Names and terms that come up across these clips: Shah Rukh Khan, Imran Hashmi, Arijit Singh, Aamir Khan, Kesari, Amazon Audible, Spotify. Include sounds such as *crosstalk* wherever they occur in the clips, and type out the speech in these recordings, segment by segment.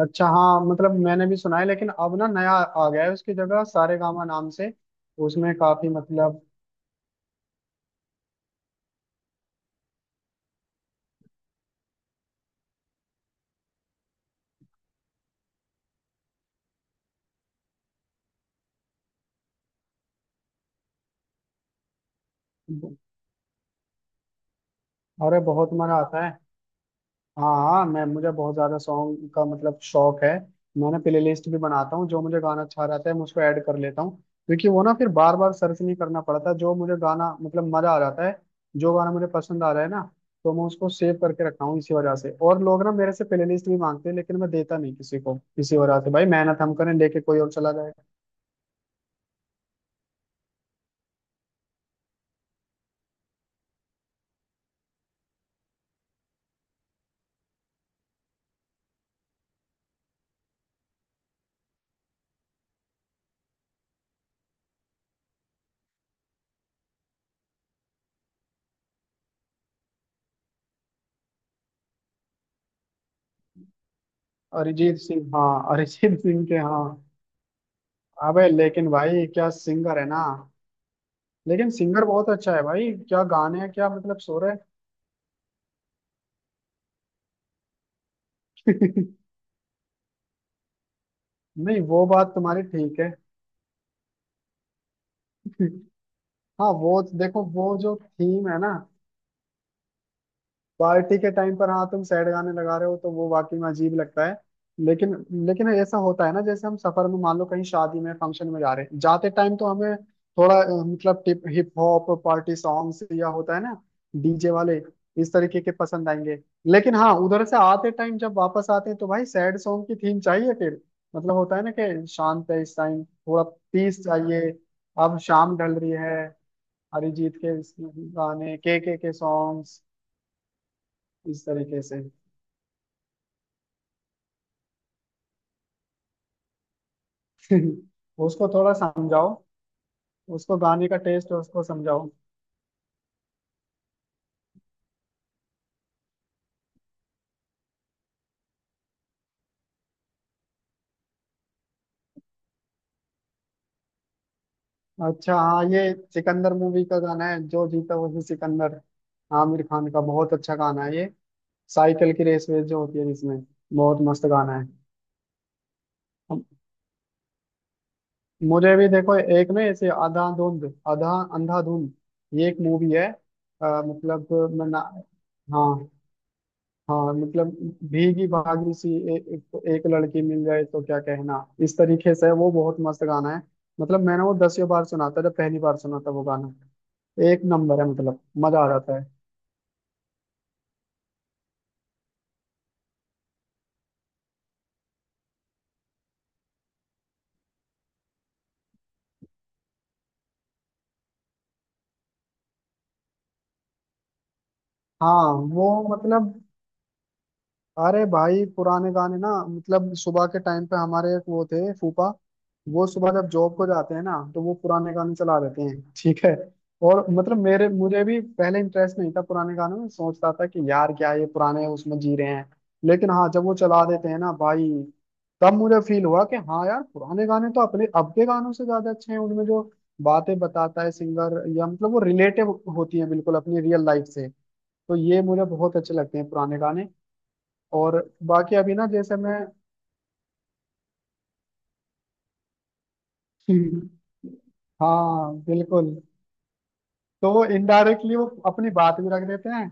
अच्छा, हाँ, मतलब मैंने भी सुना है, लेकिन अब ना नया आ गया है उसकी जगह सारे गामा नाम से। उसमें काफी मतलब। अरे बहुत मजा आता है। हाँ, हाँ, मैं मुझे बहुत ज्यादा सॉन्ग का मतलब शौक है। मैंने प्लेलिस्ट भी बनाता हूँ, जो मुझे गाना अच्छा रहता है मैं उसको ऐड कर लेता हूँ। क्योंकि वो ना फिर बार बार सर्च नहीं करना पड़ता, जो मुझे गाना मतलब मजा आ जाता है। जो गाना मुझे पसंद आ रहा है ना, तो मैं उसको सेव करके रखता हूँ इसी वजह से, और लोग ना मेरे से प्लेलिस्ट भी मांगते हैं, लेकिन मैं देता नहीं किसी को इसी वजह से, भाई मेहनत हम करें लेके कोई और चला जाए। अरिजीत सिंह, हाँ, अरिजीत सिंह के, हाँ। अबे लेकिन भाई क्या सिंगर है ना। लेकिन सिंगर बहुत अच्छा है भाई, क्या गाने हैं, क्या मतलब, सो रहे। *laughs* नहीं, वो बात तुम्हारी ठीक है। *laughs* हाँ, वो देखो वो जो थीम है ना, पार्टी के टाइम पर, हाँ तुम सैड गाने लगा रहे हो तो वो वाकई में अजीब लगता है। लेकिन लेकिन ऐसा होता है ना, जैसे हम सफर में, मान लो कहीं शादी में फंक्शन में जा रहे हैं, जाते टाइम तो हमें थोड़ा, मतलब टिप हिप हॉप पार्टी सॉन्ग्स, या होता है ना, डीजे वाले, इस तरीके के पसंद आएंगे। लेकिन हाँ उधर से आते टाइम जब वापस आते हैं तो भाई सैड सॉन्ग की थीम चाहिए फिर, मतलब होता है ना कि शांत है इस टाइम, थोड़ा पीस चाहिए, अब शाम ढल रही है। अरिजीत के गाने, के सॉन्ग्स, इस तरीके से। *laughs* उसको थोड़ा समझाओ, उसको गाने का टेस्ट उसको समझाओ। अच्छा, हाँ, ये सिकंदर मूवी का गाना है, जो जीता वही सिकंदर। आमिर खान का बहुत अच्छा गाना है ये, साइकिल की रेस वेस जो होती है जिसमें, बहुत मस्त गाना है। हम- मुझे भी देखो, एक ना ऐसे आधा धुंध आधा अंधाधुंध, ये एक मूवी है, मतलब मैं ना, हाँ, हाँ, मतलब भीगी भागी सी, एक लड़की मिल जाए तो क्या कहना, इस तरीके से वो बहुत मस्त गाना है। मतलब मैंने वो दसियों बार सुना था, जब पहली बार सुना था वो गाना। एक नंबर है मतलब, मजा आ जाता है। हाँ वो मतलब, अरे भाई पुराने गाने ना, मतलब सुबह के टाइम पे हमारे एक वो थे फूफा, वो सुबह जब जॉब को जाते हैं ना तो वो पुराने गाने चला देते हैं, ठीक है। और मतलब मेरे मुझे भी पहले इंटरेस्ट नहीं था पुराने गानों में, सोचता था कि यार क्या ये पुराने उसमें जी रहे हैं। लेकिन हाँ जब वो चला देते हैं ना भाई, तब मुझे फील हुआ कि हाँ यार, पुराने गाने तो अपने अब के गानों से ज्यादा अच्छे हैं, उनमें जो बातें बताता है सिंगर या मतलब वो रिलेटिव होती है बिल्कुल अपनी रियल लाइफ से। तो ये मुझे बहुत अच्छे लगते हैं पुराने गाने। और बाकी अभी ना जैसे मैं, हम्म। हाँ, बिल्कुल, तो इनडायरेक्टली वो अपनी बात भी रख देते हैं।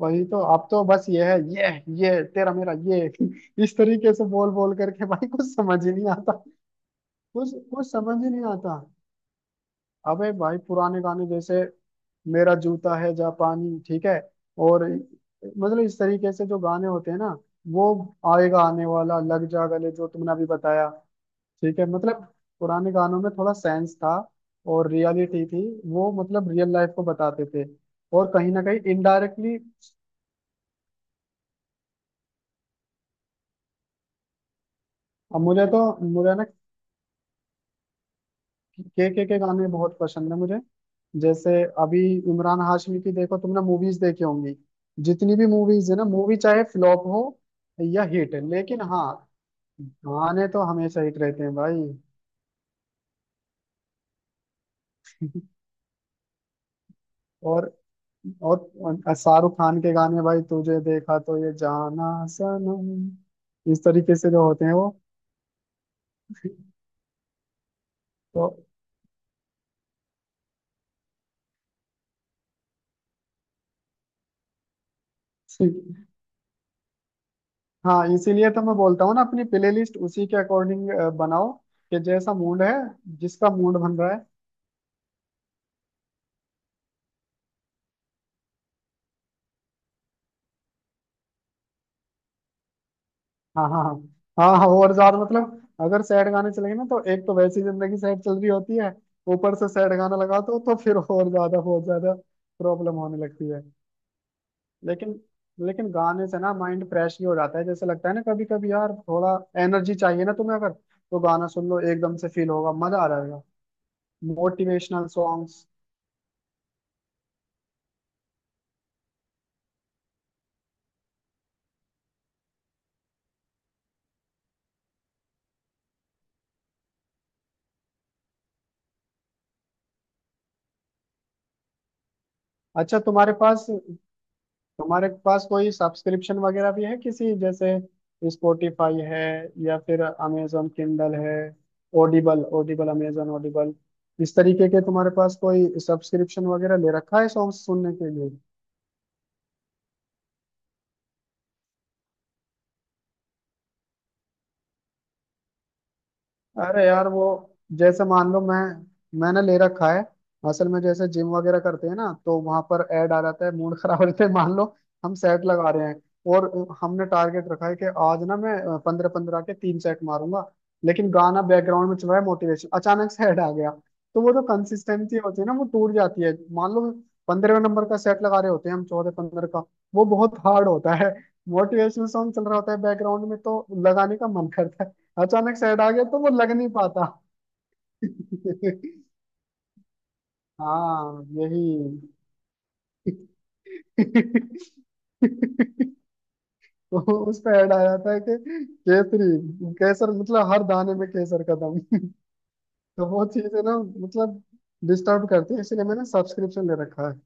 वही तो, अब तो बस ये है, ये तेरा मेरा ये, इस तरीके से बोल बोल करके भाई कुछ समझ ही नहीं आता। कुछ कुछ समझ ही नहीं आता। अबे भाई पुराने गाने जैसे, मेरा जूता है जापानी, ठीक है। और मतलब इस तरीके से जो गाने होते हैं ना, वो, आएगा आने वाला, लग जा गले, जो तुमने अभी बताया, ठीक है, मतलब पुराने गानों में थोड़ा सेंस था और रियलिटी थी, वो मतलब रियल लाइफ को बताते थे, और कहीं ना कहीं इनडायरेक्टली, मुझे तो मुझे ना के गाने बहुत पसंद है मुझे, जैसे अभी, इमरान हाशमी की देखो, तुमने मूवीज देखी होंगी, जितनी भी मूवीज है ना, मूवी चाहे फ्लॉप हो या हिट, लेकिन हाँ गाने तो हमेशा हिट रहते हैं भाई। और और शाहरुख खान के गाने भाई, तुझे देखा तो ये जाना, सनम, इस तरीके से जो होते हैं, वो, तो, हाँ इसीलिए तो मैं बोलता हूँ ना, अपनी प्लेलिस्ट उसी के अकॉर्डिंग बनाओ, कि जैसा मूड है, जिसका मूड बन रहा है। हाँ, हाँ, हाँ, हाँ, हाँ, और ज्यादा मतलब अगर सैड गाने चलेंगे ना, तो एक तो वैसी जिंदगी सैड चल रही होती है, ऊपर से सैड गाना लगा दो तो फिर और ज्यादा, बहुत ज्यादा प्रॉब्लम होने लगती है। लेकिन लेकिन गाने से ना माइंड फ्रेश भी हो जाता है, जैसे लगता है ना कभी कभी यार, थोड़ा एनर्जी चाहिए ना तुम्हें, अगर तो गाना सुन लो एकदम से, फील होगा, मजा आ जाएगा। Motivational songs. अच्छा, तुम्हारे पास कोई सब्सक्रिप्शन वगैरह भी है, किसी, जैसे स्पॉटिफाई है, या फिर अमेजोन किंडल है, ऑडिबल ऑडिबल अमेजोन ऑडिबल, इस तरीके के तुम्हारे पास कोई सब्सक्रिप्शन वगैरह ले रखा है सॉन्ग सुनने के लिए? अरे यार वो, जैसे मान लो, मैंने ले रखा है। असल में जैसे जिम वगैरह करते हैं ना, तो वहां पर ऐड आ जाता है, मूड *laughs* खराब रहते हैं, मान लो हम सेट लगा रहे हैं, और हमने टारगेट रखा है कि आज ना मैं 15-15 के तीन सेट मारूंगा, लेकिन गाना बैकग्राउंड में चल रहा है, मोटिवेशन अचानक से ऐड आ गया, तो वो जो कंसिस्टेंसी होती है ना वो टूट जाती है, मान लो 15वें नंबर का सेट लगा रहे होते हैं हम, 14-15 का, वो बहुत हार्ड होता है। *laughs* मोटिवेशनल सॉन्ग चल रहा होता है बैकग्राउंड में तो लगाने का मन करता है, अचानक से हटा गया तो वो लग नहीं पाता। *laughs* हाँ यही। *laughs* तो उस पे ऐड आया था कि, केसरी केसर, मतलब हर दाने में केसर का दम। *laughs* तो वो चीज है ना मतलब, डिस्टर्ब करती है, इसलिए मैंने सब्सक्रिप्शन ले रखा है।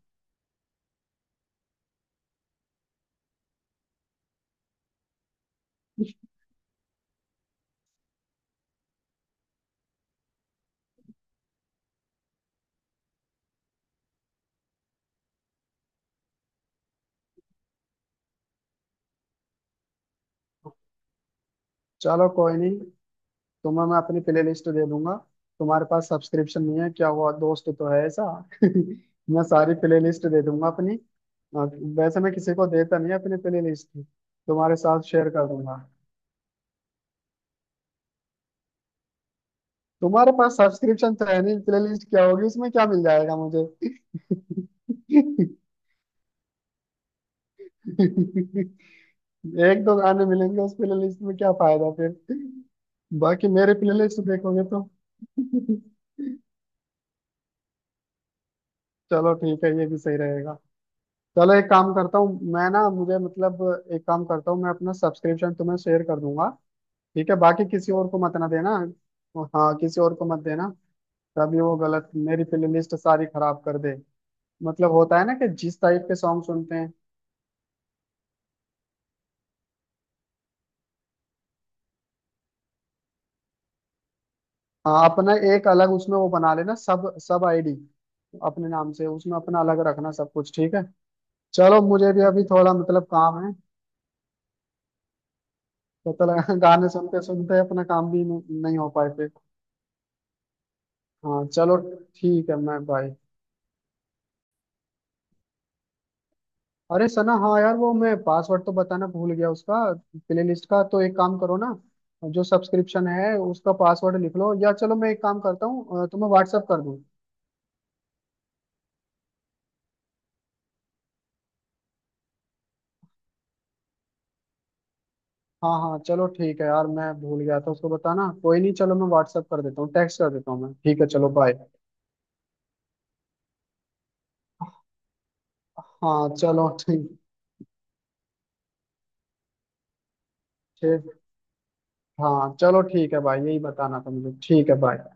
चलो कोई नहीं, तुम्हें मैं अपनी प्ले लिस्ट दे दूंगा। तुम्हारे पास सब्सक्रिप्शन नहीं है, क्या हुआ, दोस्त तो है ऐसा। *laughs* मैं सारी प्ले लिस्ट दे दूंगा अपनी, वैसे मैं किसी को देता नहीं अपनी प्ले लिस्ट, तुम्हारे साथ शेयर कर दूंगा। तुम्हारे पास सब्सक्रिप्शन तो है नहीं, प्ले लिस्ट क्या होगी, इसमें क्या मिल जाएगा मुझे? *laughs* एक दो गाने मिलेंगे उस प्ले लिस्ट में, क्या फायदा फिर। बाकी मेरे प्ले लिस्ट देखोगे तो। *laughs* चलो ठीक है, ये भी सही रहेगा। चलो एक काम करता हूँ मैं ना, मुझे मतलब, एक काम करता हूँ मैं, अपना सब्सक्रिप्शन तुम्हें शेयर कर दूंगा, ठीक है, बाकी किसी और को मत ना देना। हाँ, किसी और को मत देना, तभी वो गलत मेरी प्लेलिस्ट सारी खराब कर दे, मतलब होता है ना कि जिस टाइप के सॉन्ग सुनते हैं। हाँ अपना एक अलग उसमें वो बना लेना, सब सब आईडी, अपने नाम से उसमें अपना अलग रखना सब कुछ, ठीक है। चलो मुझे भी अभी थोड़ा मतलब काम है, पता लगा *laughs* गाने सुनते सुनते अपना काम भी नहीं नहीं हो पाए फिर। हाँ चलो, ठीक है मैं बाय। अरे सना, हाँ यार वो मैं पासवर्ड तो बताना भूल गया उसका, प्ले लिस्ट का, तो एक काम करो ना, जो सब्सक्रिप्शन है उसका पासवर्ड लिख लो, या चलो मैं एक काम करता हूँ, तुम्हें व्हाट्सअप कर दूँ। हाँ हाँ चलो ठीक है यार, मैं भूल गया था उसको बताना, कोई नहीं, चलो मैं व्हाट्सअप कर देता हूँ, टेक्स्ट कर देता हूँ मैं, ठीक है चलो बाय। हाँ चलो ठीक, ठीक, हाँ चलो ठीक है भाई, यही बताना था मुझे, ठीक है बाय।